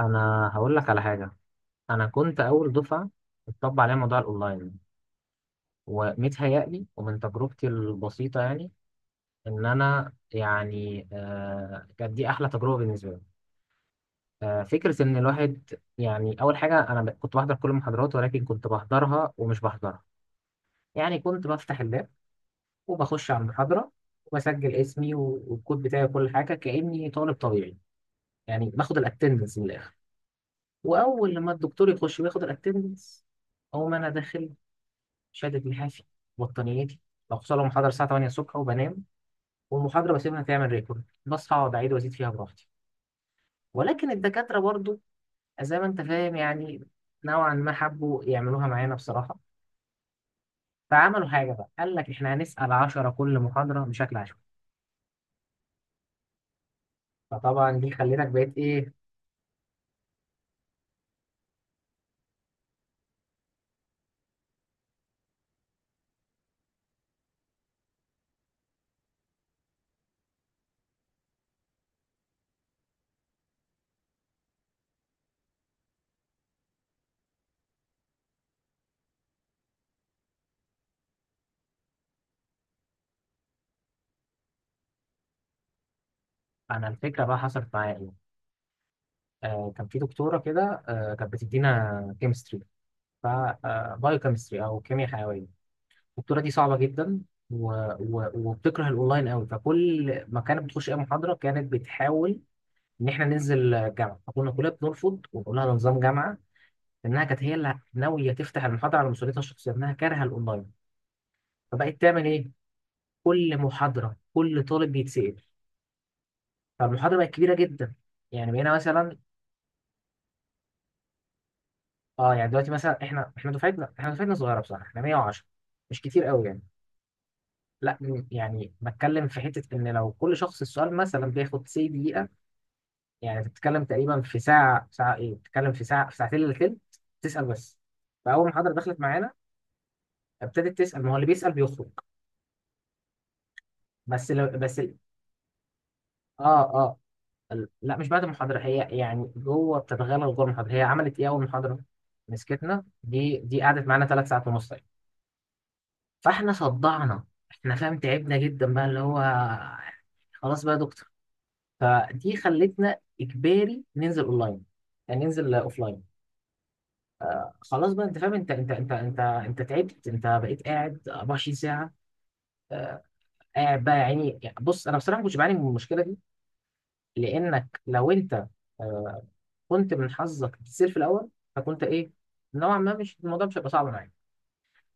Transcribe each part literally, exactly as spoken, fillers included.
انا هقول لك على حاجه. انا كنت اول دفعه اتطبق عليها موضوع الاونلاين، ومتهيألي ومن تجربتي البسيطه يعني ان انا يعني آه كانت دي احلى تجربه بالنسبه لي. آه فكره ان الواحد يعني اول حاجه، انا ب- كنت بحضر كل المحاضرات، ولكن كنت بحضرها ومش بحضرها. يعني كنت بفتح اللاب وبخش على المحاضره وبسجل اسمي و- والكود بتاعي وكل حاجه، كاني طالب طبيعي. يعني باخد الاتندنس من الاخر. واول لما الدكتور يخش وياخد الاتندنس اقوم انا داخل شهادة لحافي بطانيتي، بوصل محاضرة الساعة تمانية الصبح وبنام، والمحاضرة بسيبها تعمل ريكورد، بصحى أقعد أعيد وأزيد فيها براحتي. ولكن الدكاترة برضو زي ما أنت فاهم يعني، نوعا ما حبوا يعملوها معانا بصراحة. فعملوا حاجة بقى، قال لك إحنا هنسأل عشرة كل محاضرة بشكل عشوائي. فطبعا دي خلتك بقيت إيه. أنا الفكرة بقى حصلت معايا إيه، آه كان في دكتورة كده، آه كانت بتدينا كيمستري، ف بايو كيمستري أو كيمياء حيوية، البطوله دي صعبه جدا. و... و... وبتكره الاونلاين قوي، فكل ما كانت بتخش اي محاضره كانت بتحاول ان احنا ننزل جامعه، فكنا كلنا بنرفض ونقول لها ده نظام جامعه. لانها كانت هي اللي ناويه تفتح المحاضره على مسؤوليتها الشخصيه، انها كارهه الاونلاين. فبقت تعمل ايه، كل محاضره كل طالب بيتسال، فالمحاضره بقت كبيره جدا. يعني بقينا مثلا، اه يعني دلوقتي مثلا احنا، احنا دفعتنا احنا دفعتنا صغيره بصراحه، احنا مية وعشرة، مش كتير قوي يعني. لا يعني بتكلم في حته ان لو كل شخص السؤال مثلا بياخد سي دقيقه، يعني بتتكلم تقريبا في ساعة ساعة إيه بتتكلم في ساعة في ساعتين إلا تلت، تسأل بس. فأول ما الحضرة دخلت معانا ابتدت تسأل، ما هو اللي بيسأل بيخرج. بس لو بس ال- آه آه ال- لا مش بعد المحاضرة، هي يعني جوه، بتتغلغل جوه المحاضرة. هي عملت إيه أول محاضرة مسكتنا، دي دي قعدت معانا ثلاث ساعات ونص يعني. فإحنا صدعنا، إحنا فاهم تعبنا جدا بقى اللي هو خلاص بقى يا دكتور. فدي خلتنا إجباري ننزل أونلاين يعني ننزل أوفلاين. خلاص بقى انت فاهم، انت انت انت انت انت تعبت، انت بقيت قاعد اربعة وعشرين ساعه. آه، قاعد بقى يا عيني. يعني بص انا بصراحه ما كنتش بعاني من المشكله دي. لانك لو انت آه، كنت من حظك بتصير في الاول، فكنت ايه، نوعا ما مش الموضوع مش هيبقى صعب معاك.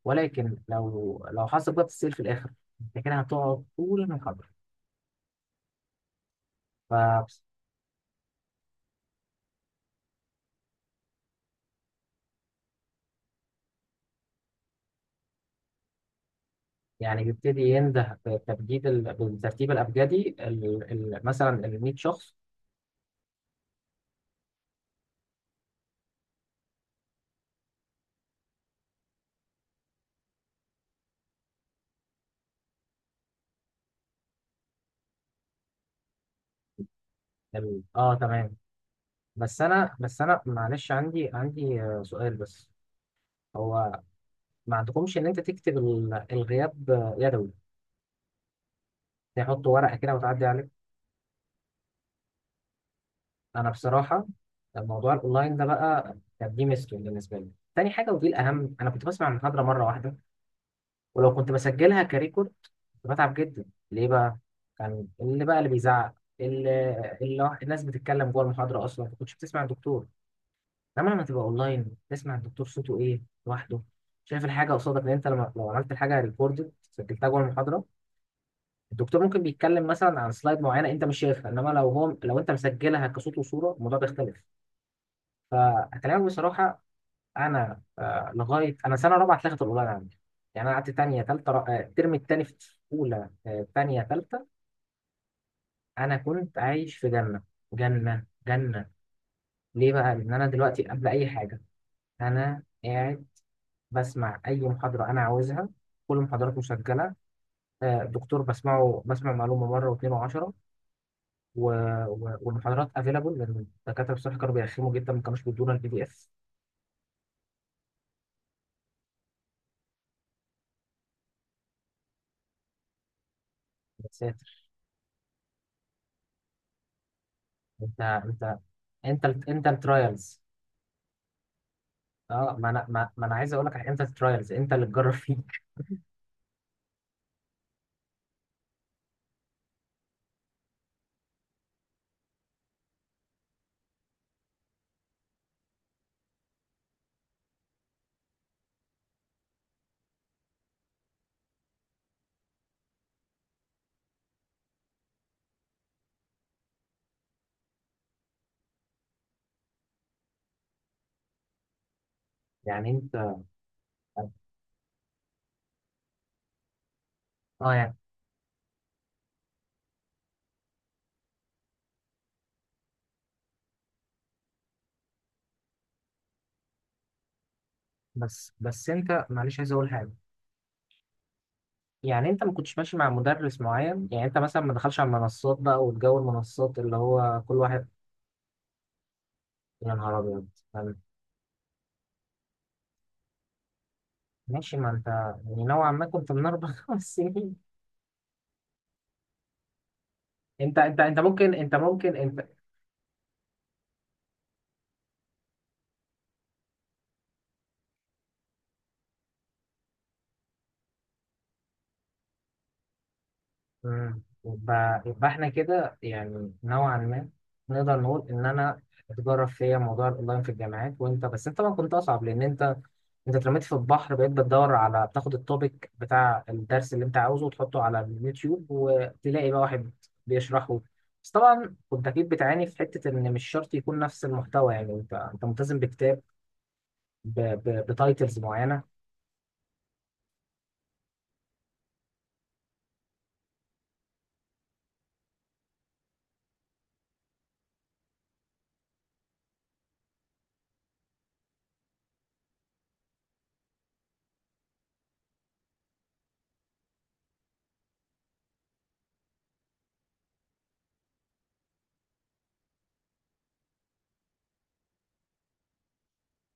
ولكن لو لو حظك بقى بتصير في الاخر، انت كده هتقعد طول المحاضره. ف يعني بيبتدي ينده بتبجيل ال- بالترتيب الابجدي، ال- ال- مثلا ال مية شخص. ال- اه تمام. بس انا بس انا معلش عندي عندي آه، سؤال بس. هو ما عندكمش ان انت تكتب ال- الغياب آه، يدوي، تحط ورقه كده وتعدي عليه. انا بصراحه موضوع الاونلاين ده بقى كان دي ميزته بالنسبه لي. تاني حاجه ودي الاهم، انا كنت بسمع المحاضره مره واحده، ولو كنت بسجلها كريكورد كنت بتعب جدا. ليه بقى، كان اللي بقى اللي بيزعق، اللي اللي الناس بتتكلم جوه المحاضره، اصلا ما كنتش بتسمع الدكتور. انما لما تبقى اونلاين تسمع الدكتور صوته ايه لوحده، شايف الحاجه قصادك. لان انت لما لو عملت الحاجه ريكوردد سجلتها جوه المحاضره، الدكتور ممكن بيتكلم مثلا عن سلايد معينه انت مش شايفها. انما لو هو لو انت مسجلها كصوت وصوره، الموضوع بيختلف. فاكلمك بصراحه، انا آه لغايه انا سنه رابعه اتلغت الاونلاين عندي. يعني انا قعدت تانية تالتة را- آه، الترم التاني في اولى، آه، تانية تالتة، انا كنت عايش في جنه، جنه جنه. ليه بقى، لان انا دلوقتي قبل اي حاجه انا قاعد بسمع اي محاضره انا عاوزها، كل المحاضرات مسجله. آه، الدكتور بسمعه بسمع معلومه مره واثنين وعشرة. و... و... والمحاضرات افيلابل، لان الدكاتره بصراحه كانوا بيرخموا جدا، ما كانوش بيدونا البي دي اف. يا ساتر. انت انت انت ال- انت الترايلز. اه ما انا ما, ما انا عايز اقول لك على- انت الترايلز، انت اللي تجرب فيك. يعني انت اه يعني. بس بس انت معلش عايز اقول حاجه، يعني انت ما كنتش ماشي مع مدرس معين، يعني انت مثلا ما دخلش على المنصات بقى والجو، المنصات اللي هو كل واحد. يا نهار ابيض. ماشي، ما انت يعني نوعا ما كنت من اربع خمس سنين. انت انت انت ممكن انت ممكن انت. مم. يبقى يبقى احنا كده يعني نوعا ما نقدر نقول ان انا اتجرب فيا موضوع الاونلاين في الجامعات. وانت بس انت طبعا كنت اصعب، لان انت انت اترميت في البحر، بقيت بتدور على، بتاخد التوبيك بتاع الدرس اللي انت عاوزه وتحطه على اليوتيوب وتلاقي بقى واحد بيشرحه. بس طبعا كنت اكيد بتعاني في حته ان مش شرط يكون نفس المحتوى، يعني انت انت ملتزم بكتاب، ب- ب- بتايتلز معينه.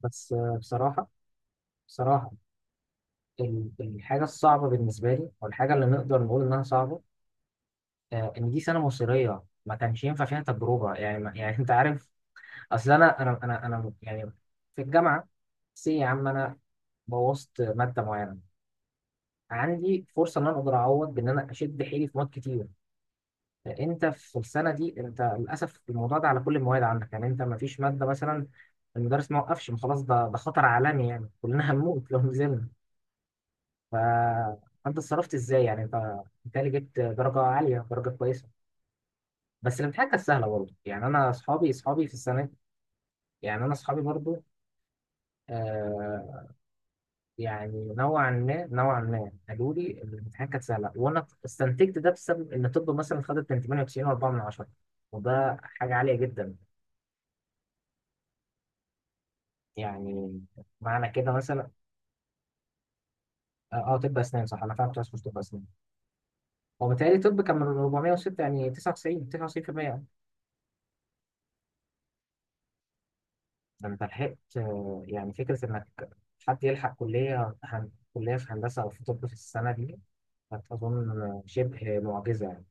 بس آه، بصراحة، بصراحة ال- الحاجة الصعبة بالنسبة لي أو الحاجة اللي نقدر نقول إنها صعبة، آه، إن دي سنة مصيرية ما كانش ينفع فيها تجربة. يعني ما- يعني أنت عارف، أصل أنا أنا أنا أنا يعني في الجامعة سي يا عم، أنا بوظت مادة معينة، عندي فرصة إن أنا أقدر أعوض بإن أنا أشد حيلي في مواد كتير. أنت في السنة دي أنت للأسف الموضوع ده على كل المواد عندك، يعني أنت ما فيش مادة مثلا المدرس ما وقفش، ما خلاص، ده ده خطر عالمي، يعني كلنا هنموت لو نزلنا. فانت اتصرفت ازاي، يعني انت بالتالي جبت درجه عاليه، درجه كويسه، بس الامتحان كان سهله برضه. يعني انا اصحابي اصحابي في السنه، يعني انا اصحابي برضه آه يعني، نوعا ما نوعا ما قالوا لي إن الامتحان كانت سهله. وانا استنتجت ده بسبب ان طب مثلا خدت من تمانية وتسعين و4 من عشرة، وده حاجه عاليه جدا يعني، معنى كده مثلا. اه آه، طب اسنان صح، انا فعلا كنت عايز أخش طب اسنان. هو بيتهيألي طب كان من اربعمية وستة، يعني تسعة وتسعين تسعة وتسعين بالمية. ده انت لحقت آه، يعني فكرة انك حد يلحق كلية هن... كلية في هندسة او في طب في السنة دي، كانت اظن شبه معجزة يعني.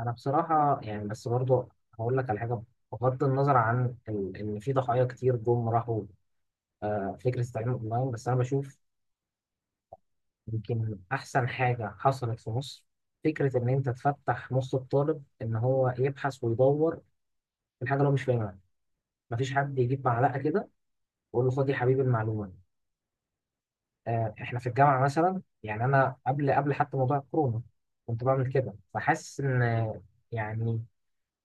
انا بصراحة يعني بس برضو هقول لك على حاجة، بغض النظر عن ال... ان في ضحايا كتير جم راحوا، آه، فكرة التعليم اونلاين بس انا بشوف يمكن احسن حاجة حصلت في مصر، فكرة ان انت تفتح نص الطالب ان هو يبحث ويدور في الحاجة اللي هو مش فاهمها، مفيش حد يجيب معلقة كده ويقول له خد يا حبيبي المعلومة. آه، احنا في الجامعه مثلا، يعني انا قبل قبل حتى موضوع الكورونا كنت بعمل كده، فحاسس ان آه، يعني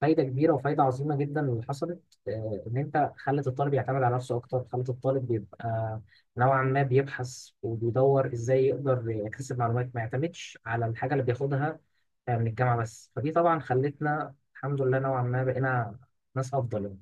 فايده كبيره وفايده عظيمه جدا اللي حصلت، آه، ان انت خلت الطالب يعتمد على نفسه اكتر، خلت الطالب يبقى نوعا ما بيبحث وبيدور ازاي يقدر يكتسب معلومات، ما يعتمدش على الحاجه اللي بياخدها آه، من الجامعه بس. فدي طبعا خلتنا الحمد لله نوعا ما بقينا ناس افضل.